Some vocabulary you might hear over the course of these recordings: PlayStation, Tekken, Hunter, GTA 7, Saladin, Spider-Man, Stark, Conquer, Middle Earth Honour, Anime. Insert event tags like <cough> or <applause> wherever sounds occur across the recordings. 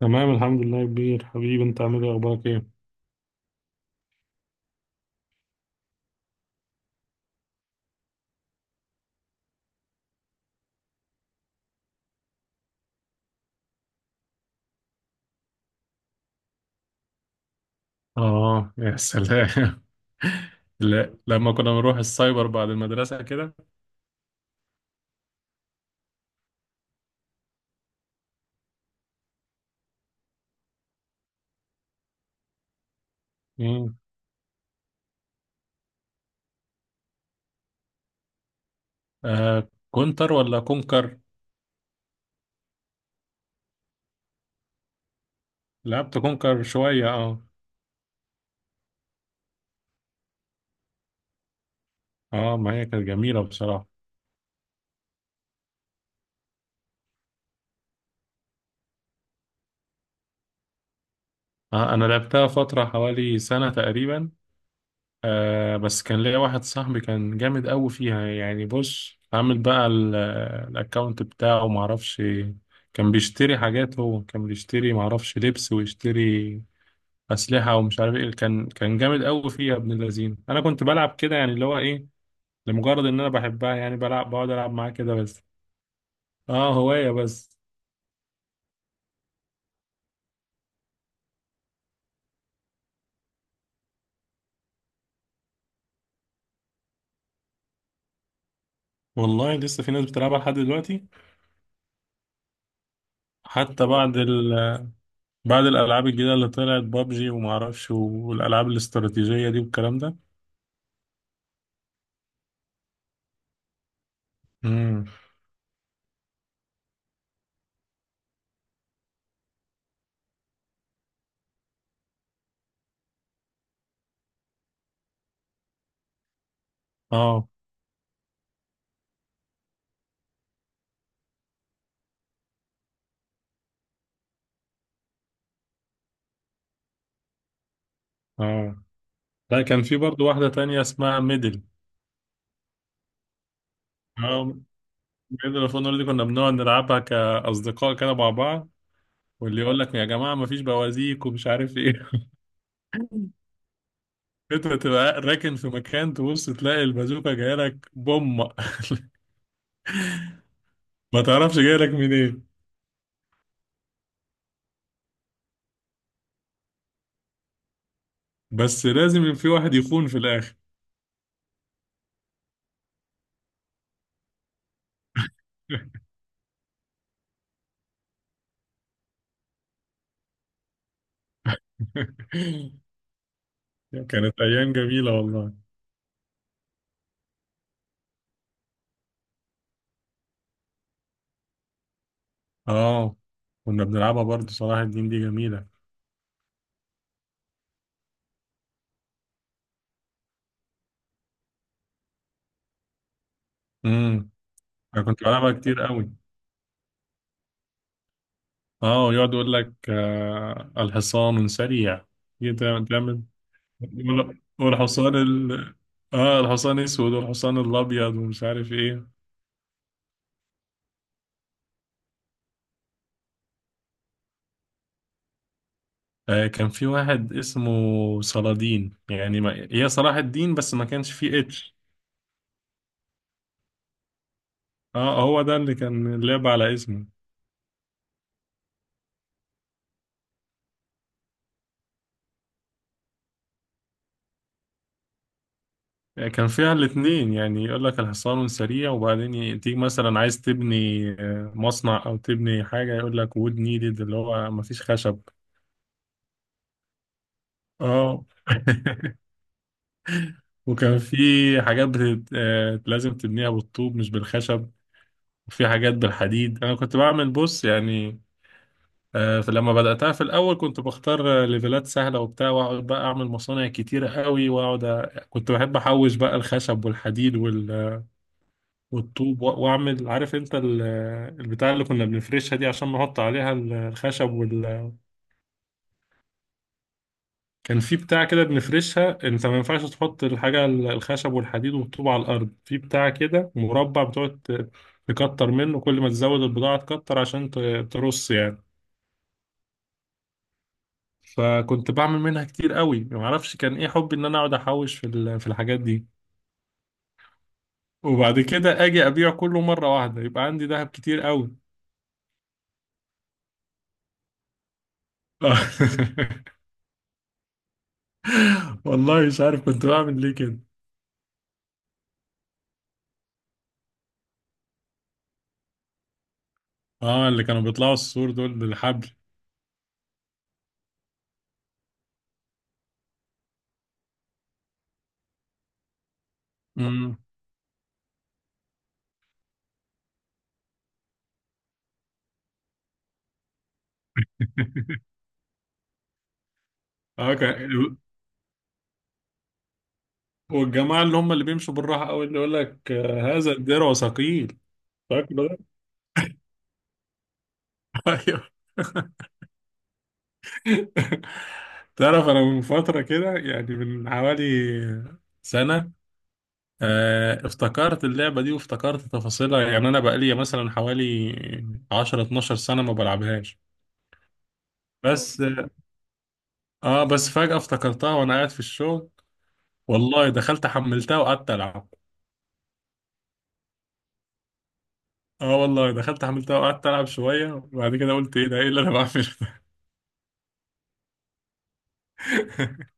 تمام الحمد لله يا كبير. حبيبي انت عامل ايه؟ اخبارك ايه؟ آه، يا سلام. <laughs> لا، لما كنا بنروح السايبر بعد المدرسة كده. مم. آه، كونتر ولا كونكر؟ لعبت كونكر شوية، اه، اه، ما هي كانت جميلة بصراحة. آه، أنا لعبتها فترة حوالي سنة تقريبا. بس كان ليا واحد صاحبي كان جامد أوي فيها، يعني بص، عامل بقى الأكاونت بتاعه معرفش. كان بيشتري حاجات، هو كان بيشتري معرفش لبس، ويشتري اسلحه ومش عارف ايه. كان جامد قوي فيه، يا ابن اللذين. انا كنت بلعب كده يعني، اللي هو ايه، لمجرد ان انا بحبها يعني، بلعب بقعد العب معاه كده بس. اه، هوايه بس. والله لسه في ناس بتلعبها لحد دلوقتي. حتى بعد بعد الالعاب الجديده اللي طلعت، بابجي وما اعرفش، والالعاب الاستراتيجيه دي والكلام ده. امم. اه، اه، لا، كان في برضو واحده تانية اسمها ميدل. اه، ميدل اوف اونر دي كنا بنقعد نلعبها كاصدقاء كده مع بعض. واللي يقول لك: يا جماعه مفيش بوازيك ومش عارف ايه. <laughs> انت تبقى راكن في مكان، تبص تلاقي البازوكا جايه لك بوم. <laughs> ما تعرفش جايه لك منين. بس لازم في واحد يخون في الاخر. <laughs> كانت ايام جميله والله. اه، كنا بنلعبها برضه. صلاح الدين دي جميله. امم. انا كنت بلعبها كتير قوي. اه، يقعد يقول لك: آه الحصان سريع. دي تعمل. والحصان اه، الحصان اسود والحصان الابيض ومش عارف ايه. آه، كان في واحد اسمه صلادين، يعني ما... هي صلاح الدين بس ما كانش فيه اتش. اه، هو ده اللي كان اللعب على اسمه. آه، كان فيها الاتنين، يعني يقول لك الحصان سريع، وبعدين تيجي مثلا عايز تبني مصنع او تبني حاجة، يقول لك: وود نيدد، اللي هو ما فيش خشب. اه. <laughs> وكان في حاجات بتت... آه، لازم تبنيها بالطوب مش بالخشب. وفي حاجات بالحديد، انا كنت بعمل بص يعني. فلما بدأتها في الأول كنت بختار ليفلات سهلة وبتاع، وأقعد بقى أعمل مصانع كتيرة قوي، كنت بحب أحوش بقى الخشب والحديد والطوب وأعمل، عارف أنت البتاع اللي كنا بنفرشها دي عشان نحط عليها الخشب كان في بتاع كده بنفرشها، أنت ما ينفعش تحط الحاجة الخشب والحديد والطوب على الأرض، في بتاع كده مربع بتقعد تكتر منه، كل ما تزود البضاعة تكتر، عشان ترص يعني. فكنت بعمل منها كتير قوي، ما اعرفش كان ايه حبي ان انا اقعد احوش في الحاجات دي. وبعد كده اجي ابيع كله مره واحده، يبقى عندي ذهب كتير قوي. <laughs> والله مش عارف كنت بعمل ليه كده. اه، اللي كانوا بيطلعوا السور دول بالحبل. امم. <laughs> اه. والجماعه اللي هم اللي بيمشوا بالراحه قوي، اللي يقول لك: آه، هذا الدرع ثقيل. فاكره ده. <laughs> ايوه. تعرف، انا من فتره كده يعني من حوالي سنه، افتكرت اللعبة دي وافتكرت تفاصيلها، يعني أنا بقالي مثلا حوالي 10 12 سنة ما بلعبهاش. بس بس فجأة افتكرتها وأنا قاعد في الشغل. والله دخلت حملتها وقعدت ألعب. آه، والله دخلت حملتها وقعدت ألعب شوية، وبعد كده قلت: إيه ده؟ إيه اللي أنا بعمله ده؟ <laughs>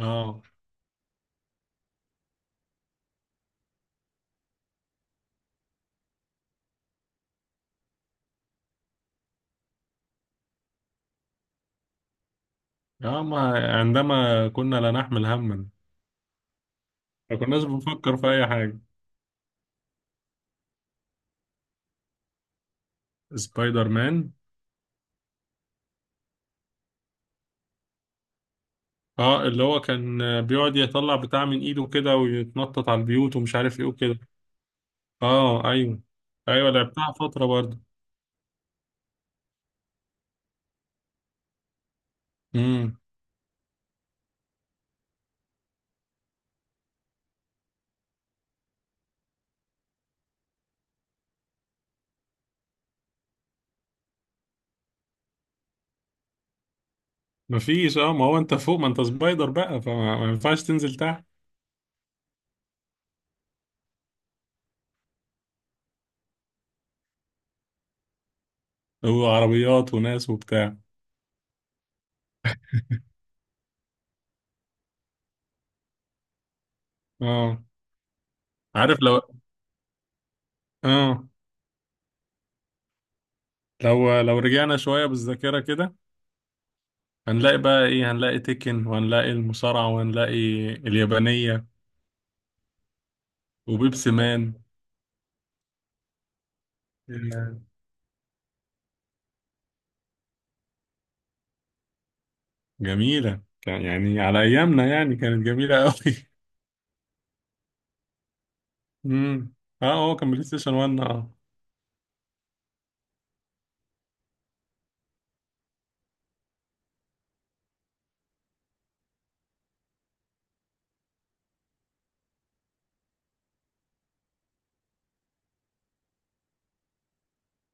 آه، آه، ما عندما كنا لا نحمل هما، ما كناش بنفكر في أي حاجة. سبايدر مان. اه، اللي هو كان بيقعد يطلع بتاع من ايده كده ويتنطط على البيوت ومش عارف ايه وكده. اه، ايوه، ايوه. لعبتها فترة برضه. امم. مفيش، اه. ما هو انت فوق، ما انت سبايدر بقى، ما ينفعش تنزل تحت. وعربيات وناس وبتاع. اه، عارف، لو. اه، لو رجعنا شوية بالذاكرة كده، هنلاقي بقى ايه؟ هنلاقي تيكن، وهنلاقي المصارعة، وهنلاقي اليابانية، وبيبسي مان. آه، جميلة، يعني على ايامنا يعني كانت جميلة قوي. <laughs> امم. اه، هو كان بلاي ستيشن 1، اه.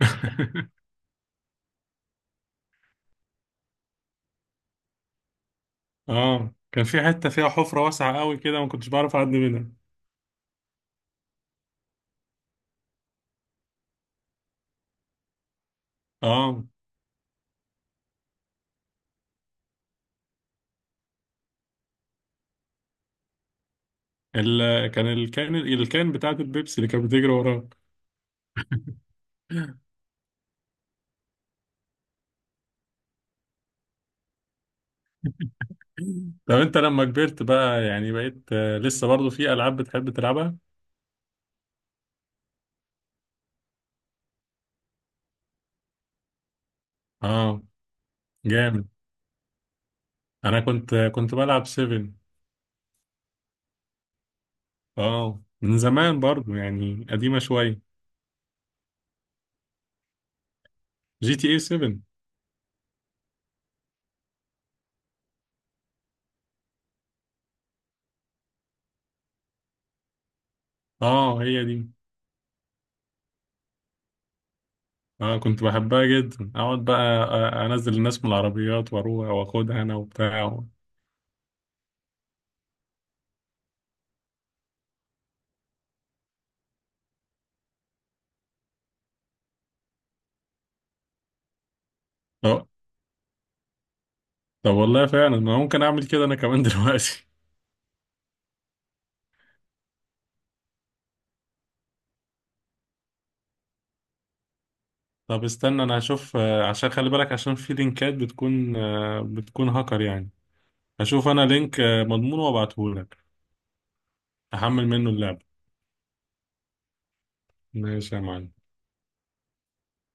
<laughs> اه، كان في حتة فيها حفرة واسعة قوي كده، ما كنتش بعرف اعدي منها. اه، كان الكان بتاعت البيبسي اللي كانت بتجري وراك. <laughs> طب انت لما كبرت بقى، يعني بقيت لسه برضو في العاب بتحب تلعبها؟ اه، جامد. انا كنت بلعب 7. اه، من زمان برضو يعني، قديمة شوية. جي تي اي 7. اه، هي دي. اه، كنت بحبها جدا. اقعد بقى انزل الناس من العربيات واروح واخدها انا وبتاع. طب والله فعلا انا ممكن اعمل كده انا كمان. <laughs> دلوقتي. طب استنى، انا هشوف عشان خلي بالك، عشان في لينكات بتكون هاكر يعني. هشوف انا لينك مضمون وابعته لك. احمل منه اللعبة. ماشي يا معلم.